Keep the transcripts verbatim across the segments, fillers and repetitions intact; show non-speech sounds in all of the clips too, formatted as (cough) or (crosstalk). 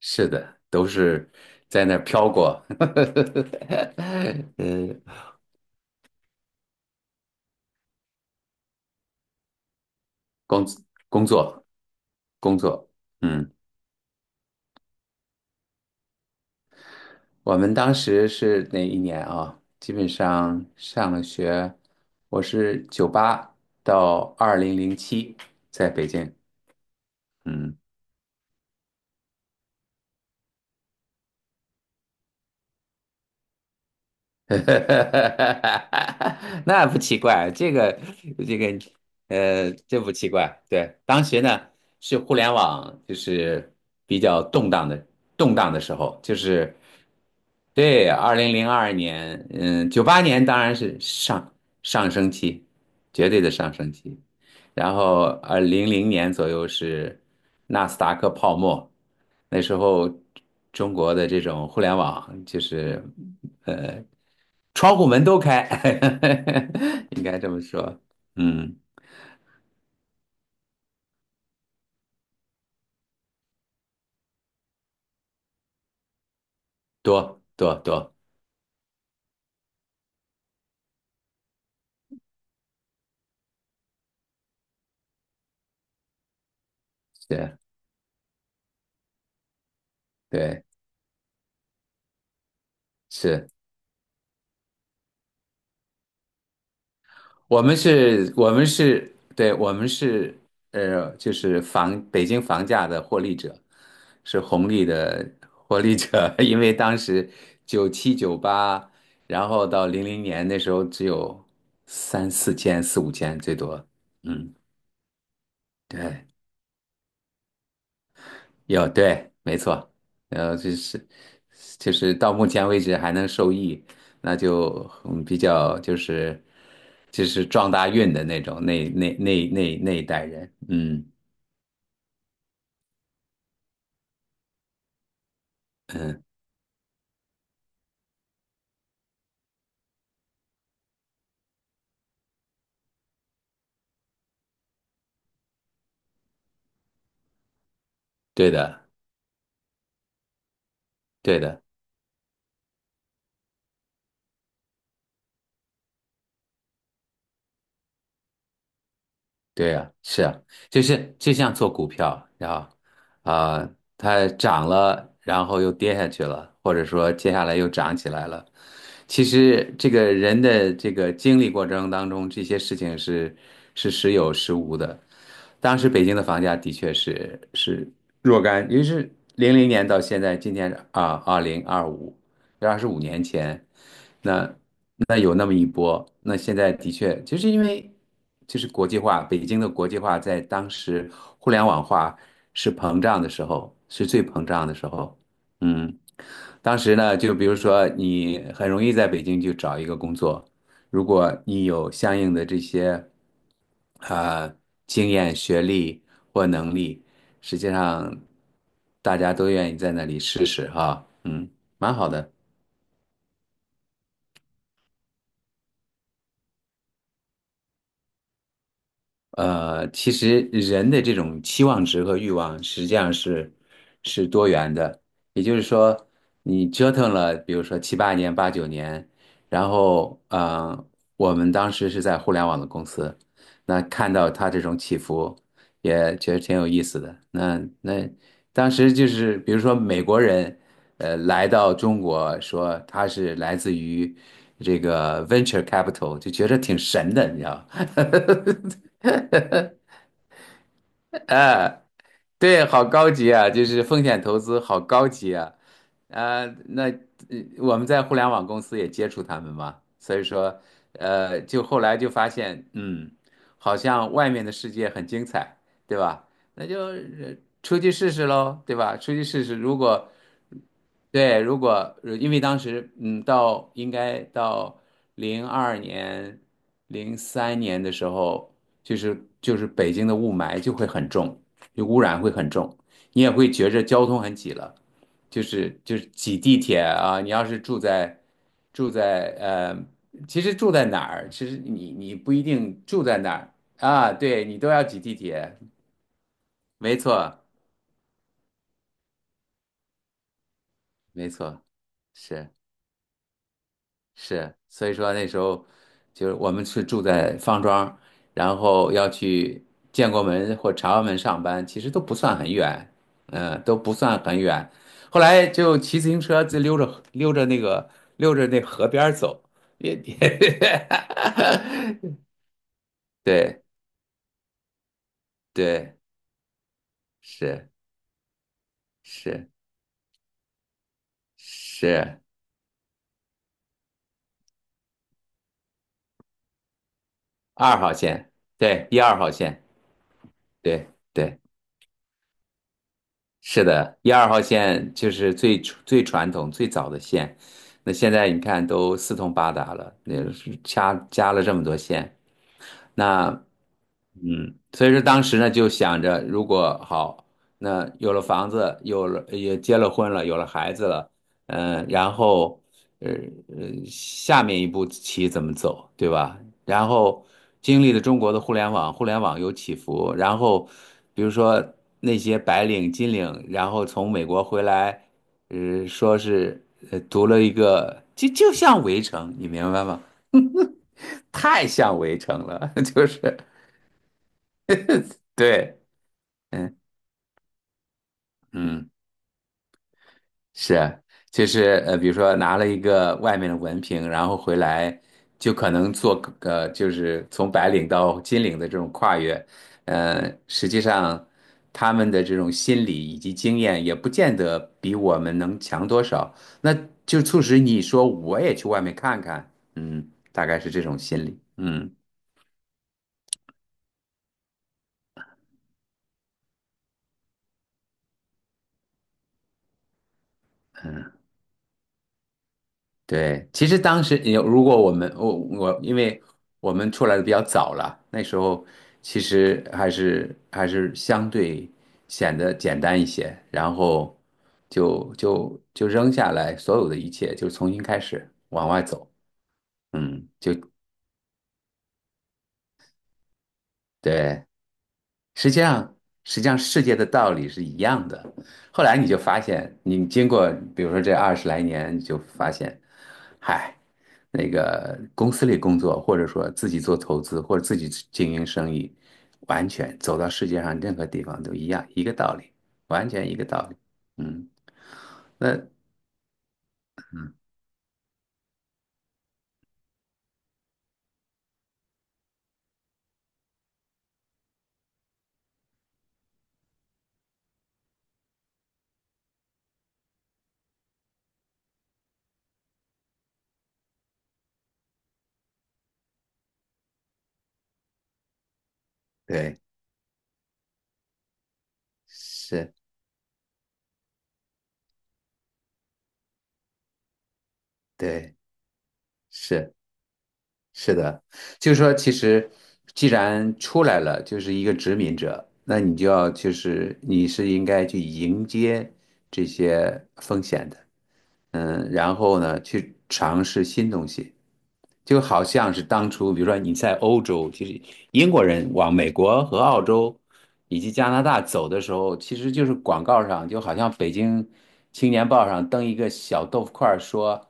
是的，都是在那儿飘过。(laughs) 呃，工工作工作，嗯，我们当时是哪一年啊？基本上上了学，我是九八到二零零七在北京，嗯。(laughs) 那不奇怪，这个这个呃，这不奇怪。对，当时呢是互联网，就是比较动荡的动荡的时候，就是对，二零零二年。嗯，九八年当然是上上升期，绝对的上升期。然后呃，零零年左右是纳斯达克泡沫，那时候中国的这种互联网就是窗户门都开，(laughs) 应该这么说。嗯，多多多，是，对，是我们是，我们是，对，我们是，呃，就是房北京房价的获利者，是红利的获利者。(laughs) 因为当时九七九八，九八然后到零零年，那时候只有三四千、四五千最多。嗯，对。有，对，没错，呃，就是就是到目前为止还能受益，那就嗯比较，就是就是撞大运的那种那那那那那一代人。嗯嗯，对的，对的，对啊，是啊，就是就像做股票，然后啊，它涨了，然后又跌下去了，或者说接下来又涨起来了。其实这个人的这个经历过程当中，这些事情是是时有时无的。当时北京的房价的确是是若干，因为是零零年到现在，今年啊二零二五，二十五年前，那那有那么一波。那现在的确就是因为就是国际化，北京的国际化在当时互联网化是膨胀的时候，是最膨胀的时候。嗯。当时呢，就比如说你很容易在北京就找一个工作，如果你有相应的这些啊经验、学历或能力，实际上大家都愿意在那里试试哈。嗯，蛮好的。呃，其实人的这种期望值和欲望实际上是是多元的。也就是说，你折腾了，比如说七八年、八九年，然后呃，我们当时是在互联网的公司，那看到它这种起伏，也觉得挺有意思的。那那当时就是，比如说美国人，呃，来到中国说他是来自于这个 venture capital，就觉得挺神的，你知道吗？(laughs) 哎，对，好高级啊，就是风险投资好高级啊。啊、那呃我们在互联网公司也接触他们嘛。所以说呃，就后来就发现，嗯，好像外面的世界很精彩，对吧？那就呃出去试试喽，对吧？出去试试，如果对，如果因为当时嗯，到应该到零二年、零三年的时候，就是就是北京的雾霾就会很重，污染会很重，你也会觉着交通很挤了，就是就是挤地铁啊。你要是住在住在呃，其实住在哪儿，其实你你不一定住在哪儿啊，对你都要挤地铁。没错没错，是。是，所以说那时候就是我们是住在方庄，然后要去建国门或朝阳门上班，其实都不算很远。嗯，都不算很远。后来就骑自行车就溜着溜着那个溜着那河边儿走，也也。 (laughs) 对对，是是，是二号线，对一二号线，对对。是的，一二号线就是最最传统、最早的线。那现在你看都四通八达了，那是加加了这么多线，那嗯。所以说当时呢就想着，如果好，那有了房子，有了也结了婚了，有了孩子了，嗯。然后呃呃，下面一步棋怎么走，对吧？然后经历了中国的互联网，互联网有起伏，然后比如说那些白领、金领，然后从美国回来，呃，说是呃读了一个，就就像《围城》，你明白吗？太像《围城》了，(laughs) 就是对。嗯。嗯，是，就是呃，比如说拿了一个外面的文凭，然后回来就可能做呃，就是从白领到金领的这种跨越。呃，实际上他们的这种心理以及经验也不见得比我们能强多少，那就促使你说我也去外面看看。嗯，大概是这种心理，嗯。对，其实当时有，如果我们我我，因为我们出来的比较早了，那时候其实还是还是相对显得简单一些，然后就就就扔下来所有的一切，就重新开始往外走。嗯，就对。实际上，实际上世界的道理是一样的。后来你就发现，你经过比如说这二十来年，你就发现，嗨，那个公司里工作，或者说自己做投资，或者自己经营生意，完全走到世界上任何地方都一样，一个道理，完全一个道理。嗯，那对，是，对，是。是的，就是说，其实既然出来了，就是一个殖民者，那你就要就是你是应该去迎接这些风险的。嗯。然后呢，去尝试新东西，就好像是当初，比如说你在欧洲，其实英国人往美国和澳洲以及加拿大走的时候，其实就是广告上，就好像北京青年报上登一个小豆腐块儿说，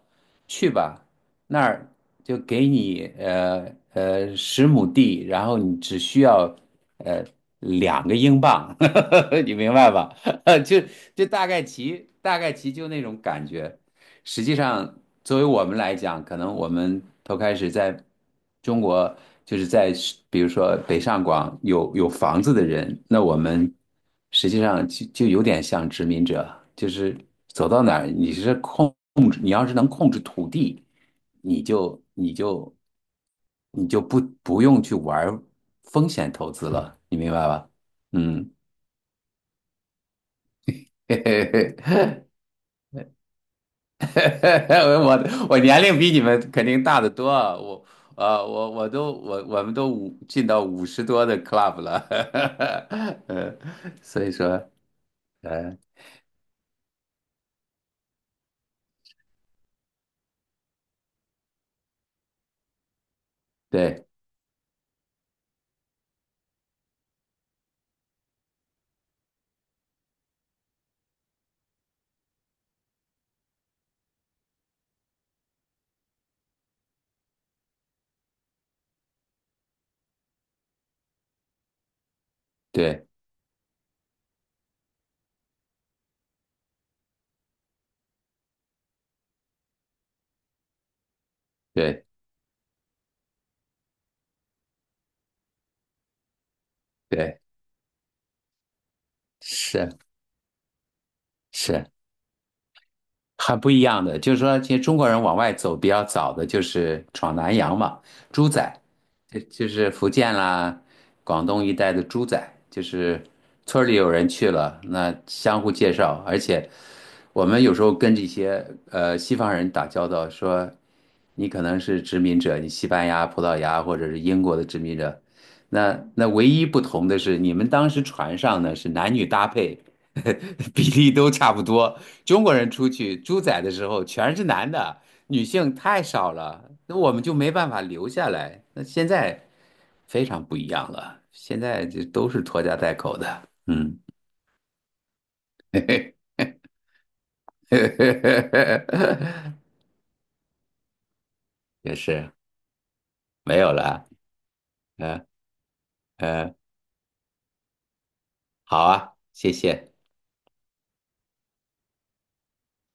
去吧，那儿就给你呃呃十亩地，然后你只需要呃两个英镑。(laughs) 你明白吧？(laughs) 就就大概其大概其就那种感觉。实际上，作为我们来讲，可能我们头开始在中国，就是在比如说北上广有有房子的人，那我们实际上就就有点像殖民者，就是走到哪儿，你是控制，你要是能控制土地，你就你就你就不不用去玩风险投资了，你明白吧？嗯。(laughs) 嘿嘿嘿，(laughs) 我我年龄比你们肯定大得多啊。我呃我我都我我们都五进到五十多的 club 了，(laughs) 呃，所以说嗯对对对对是是。很不一样的。就是说，其实中国人往外走比较早的就是闯南洋嘛，猪仔，就就是福建啦、广东一带的猪仔，就是村儿里有人去了，那相互介绍。而且我们有时候跟这些呃西方人打交道，说你可能是殖民者，你西班牙、葡萄牙或者是英国的殖民者，那那唯一不同的是，你们当时船上呢是男女搭配。(laughs) 比例都差不多。中国人出去猪仔的时候全是男的，女性太少了，那我们就没办法留下来。那现在非常不一样了，现在就都是拖家带口的，嗯。(laughs) 也是没有了。嗯嗯，好啊，谢谢。